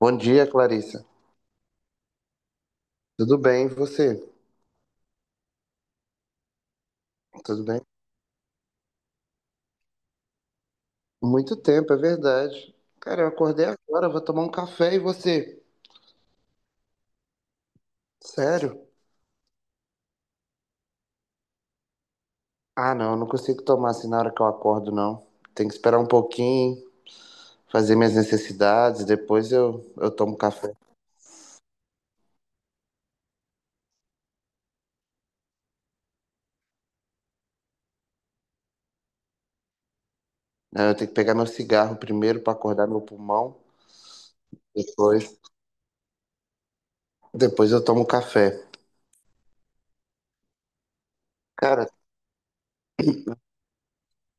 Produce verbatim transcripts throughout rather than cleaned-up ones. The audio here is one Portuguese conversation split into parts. Bom dia, Clarissa. Tudo bem, e você? Tudo bem? Muito tempo, é verdade. Cara, eu acordei agora, vou tomar um café e você? Sério? Ah, não, eu não consigo tomar assim na hora que eu acordo, não. Tem que esperar um pouquinho, fazer minhas necessidades, depois eu, eu tomo café. Não, eu tenho que pegar meu cigarro primeiro pra acordar meu pulmão, depois, depois eu tomo café. Cara,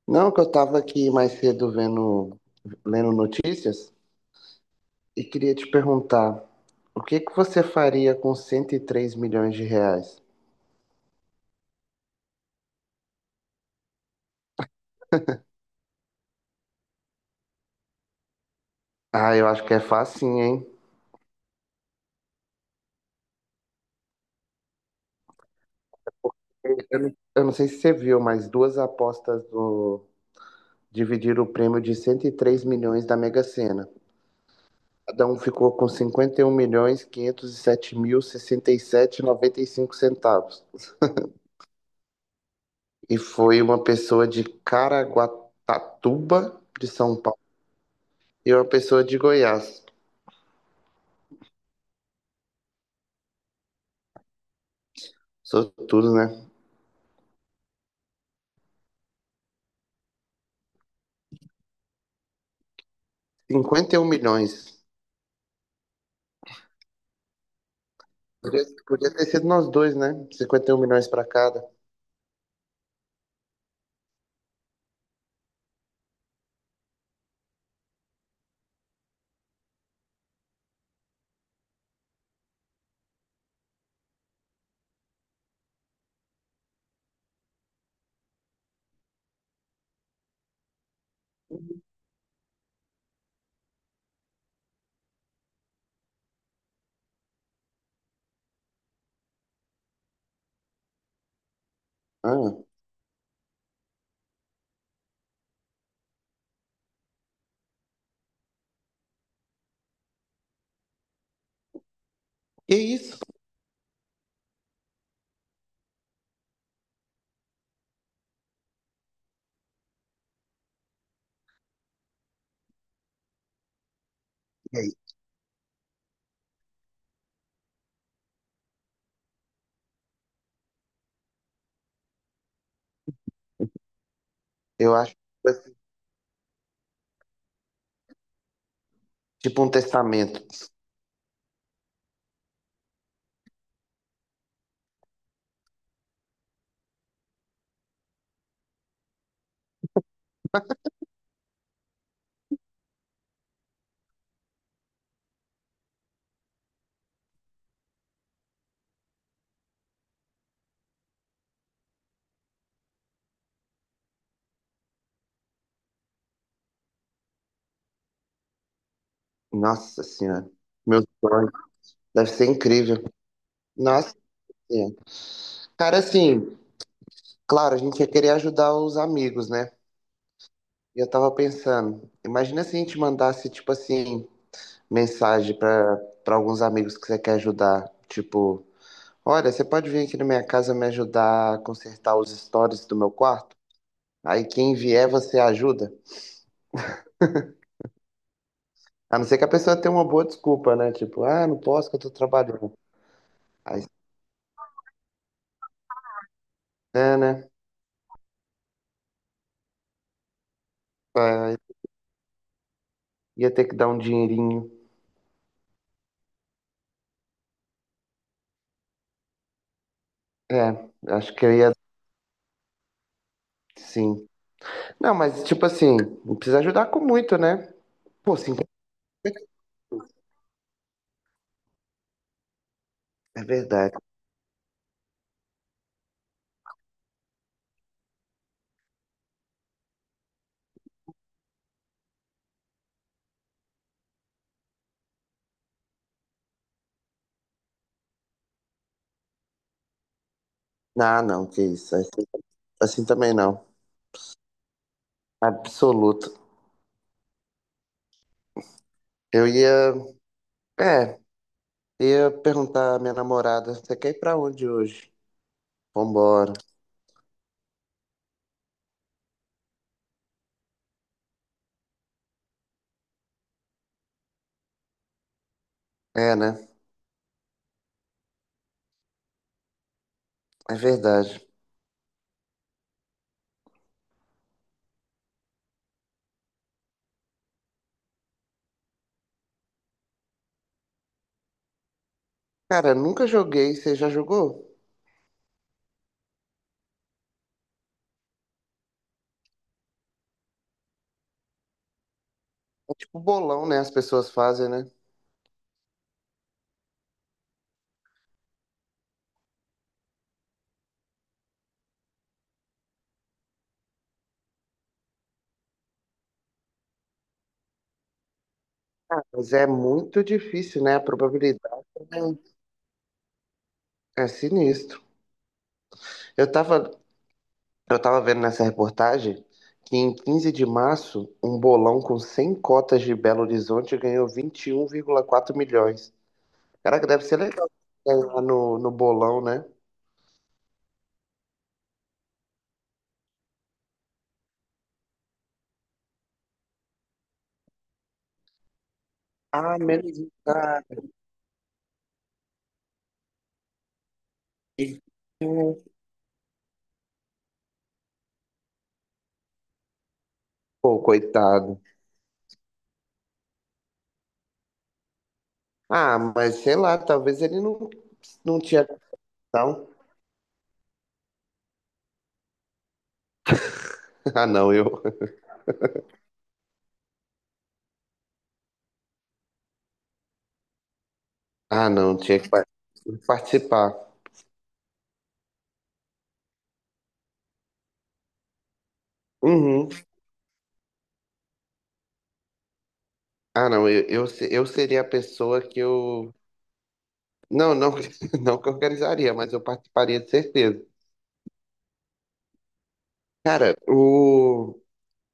não, que eu tava aqui mais cedo vendo, lendo notícias. E queria te perguntar, o que que você faria com cento e três milhões de reais? Ah, eu acho que é facinho, hein? Eu não, eu não sei se você viu, mas duas apostas do, dividiram o prêmio de cento e três milhões da Mega Sena. Cada um ficou com cinquenta e um milhões quinhentos e sete mil sessenta e e sete e noventa e cinco centavos. E foi uma pessoa de Caraguatatuba, de São Paulo, e uma pessoa de Goiás. Sou tudo, né? Cinquenta e um milhões. Podia, podia ter sido nós dois, né? Cinquenta e um milhões pra cada. Ah, que isso? E aí? Eu acho que vai ser tipo um testamento. Nossa Senhora. Meu sonho. Deve ser incrível. Nossa Senhora. Cara, assim, claro, a gente ia querer ajudar os amigos, né? E eu tava pensando, imagina se a gente mandasse, tipo assim, mensagem pra, pra alguns amigos que você quer ajudar. Tipo, olha, você pode vir aqui na minha casa me ajudar a consertar os stories do meu quarto? Aí quem vier, você ajuda? A não ser que a pessoa tenha uma boa desculpa, né? Tipo, ah, não posso que eu tô trabalhando. Aí, é, né? Aí ia ter que dar um dinheirinho. É, acho que eu ia, sim. Não, mas tipo assim, não precisa ajudar com muito, né? Pô, sim, é verdade. Ah, não, que isso. Assim, assim também não. Absoluto. Eu ia, é, ia perguntar à minha namorada, você quer ir pra onde hoje? Vambora. É, né? É verdade. Cara, nunca joguei, você já jogou? É tipo bolão, né? As pessoas fazem, né? Mas é muito difícil, né? A probabilidade é, um, é sinistro. Eu tava, eu tava vendo nessa reportagem que em quinze de março, um bolão com cem cotas de Belo Horizonte ganhou vinte e um, vírgula quatro milhões. Cara, deve ser legal ganhar no, no bolão, né? Ah, menos um cara. Pô, coitado. Ah, mas sei lá, talvez ele não, não tinha. Não. Ah, não, eu. Ah, não, tinha que par- participar. Uhum. Ah, não, eu, eu, se- eu seria a pessoa que eu. Não, não, não que eu organizaria, mas eu participaria de certeza. Cara, o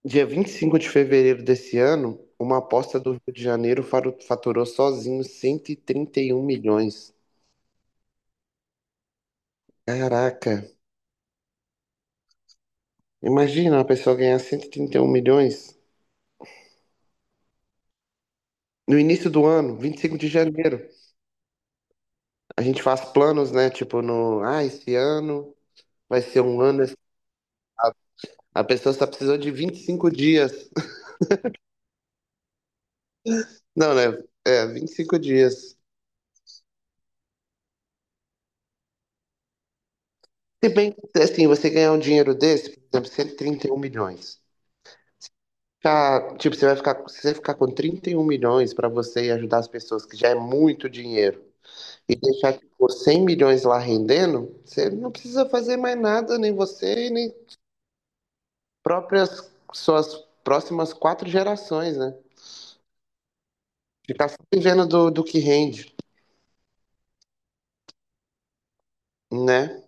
dia vinte e cinco de fevereiro desse ano, uma aposta do Rio de Janeiro faru- faturou sozinho cento e e trinta e um milhões. Caraca, imagina uma pessoa ganhar cento e e trinta e um milhões no início do ano, vinte e cinco de janeiro. A gente faz planos, né? Tipo, no, ah, esse ano vai ser um ano. A pessoa só precisou de vinte e cinco dias. Não, né? É, vinte e cinco dias. Se bem que, assim, você ganhar um dinheiro desse, por exemplo, cento e e trinta e um milhões. Cara, tipo, você vai ficar, se você ficar com trinta e um milhões pra você e ajudar as pessoas, que já é muito dinheiro, e deixar, tipo, cem milhões lá rendendo, você não precisa fazer mais nada, nem você, e nem próprias suas próximas quatro gerações, né? Ficar só vivendo do, do que rende, né?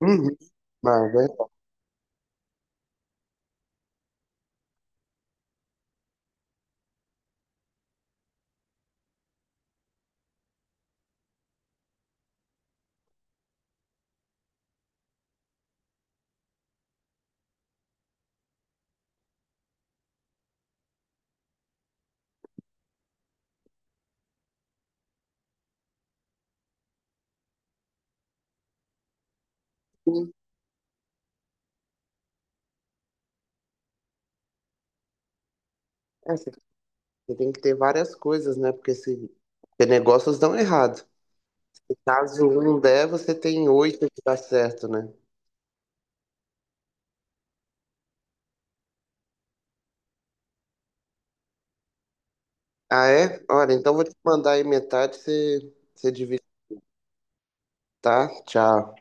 Uhum. Mas, é, assim, você tem que ter várias coisas, né? Porque se porque negócios dão errado. E caso um der, você tem oito que dá certo, né? Ah, é? Olha, então vou te mandar aí metade, você, você divide, tá? Tchau.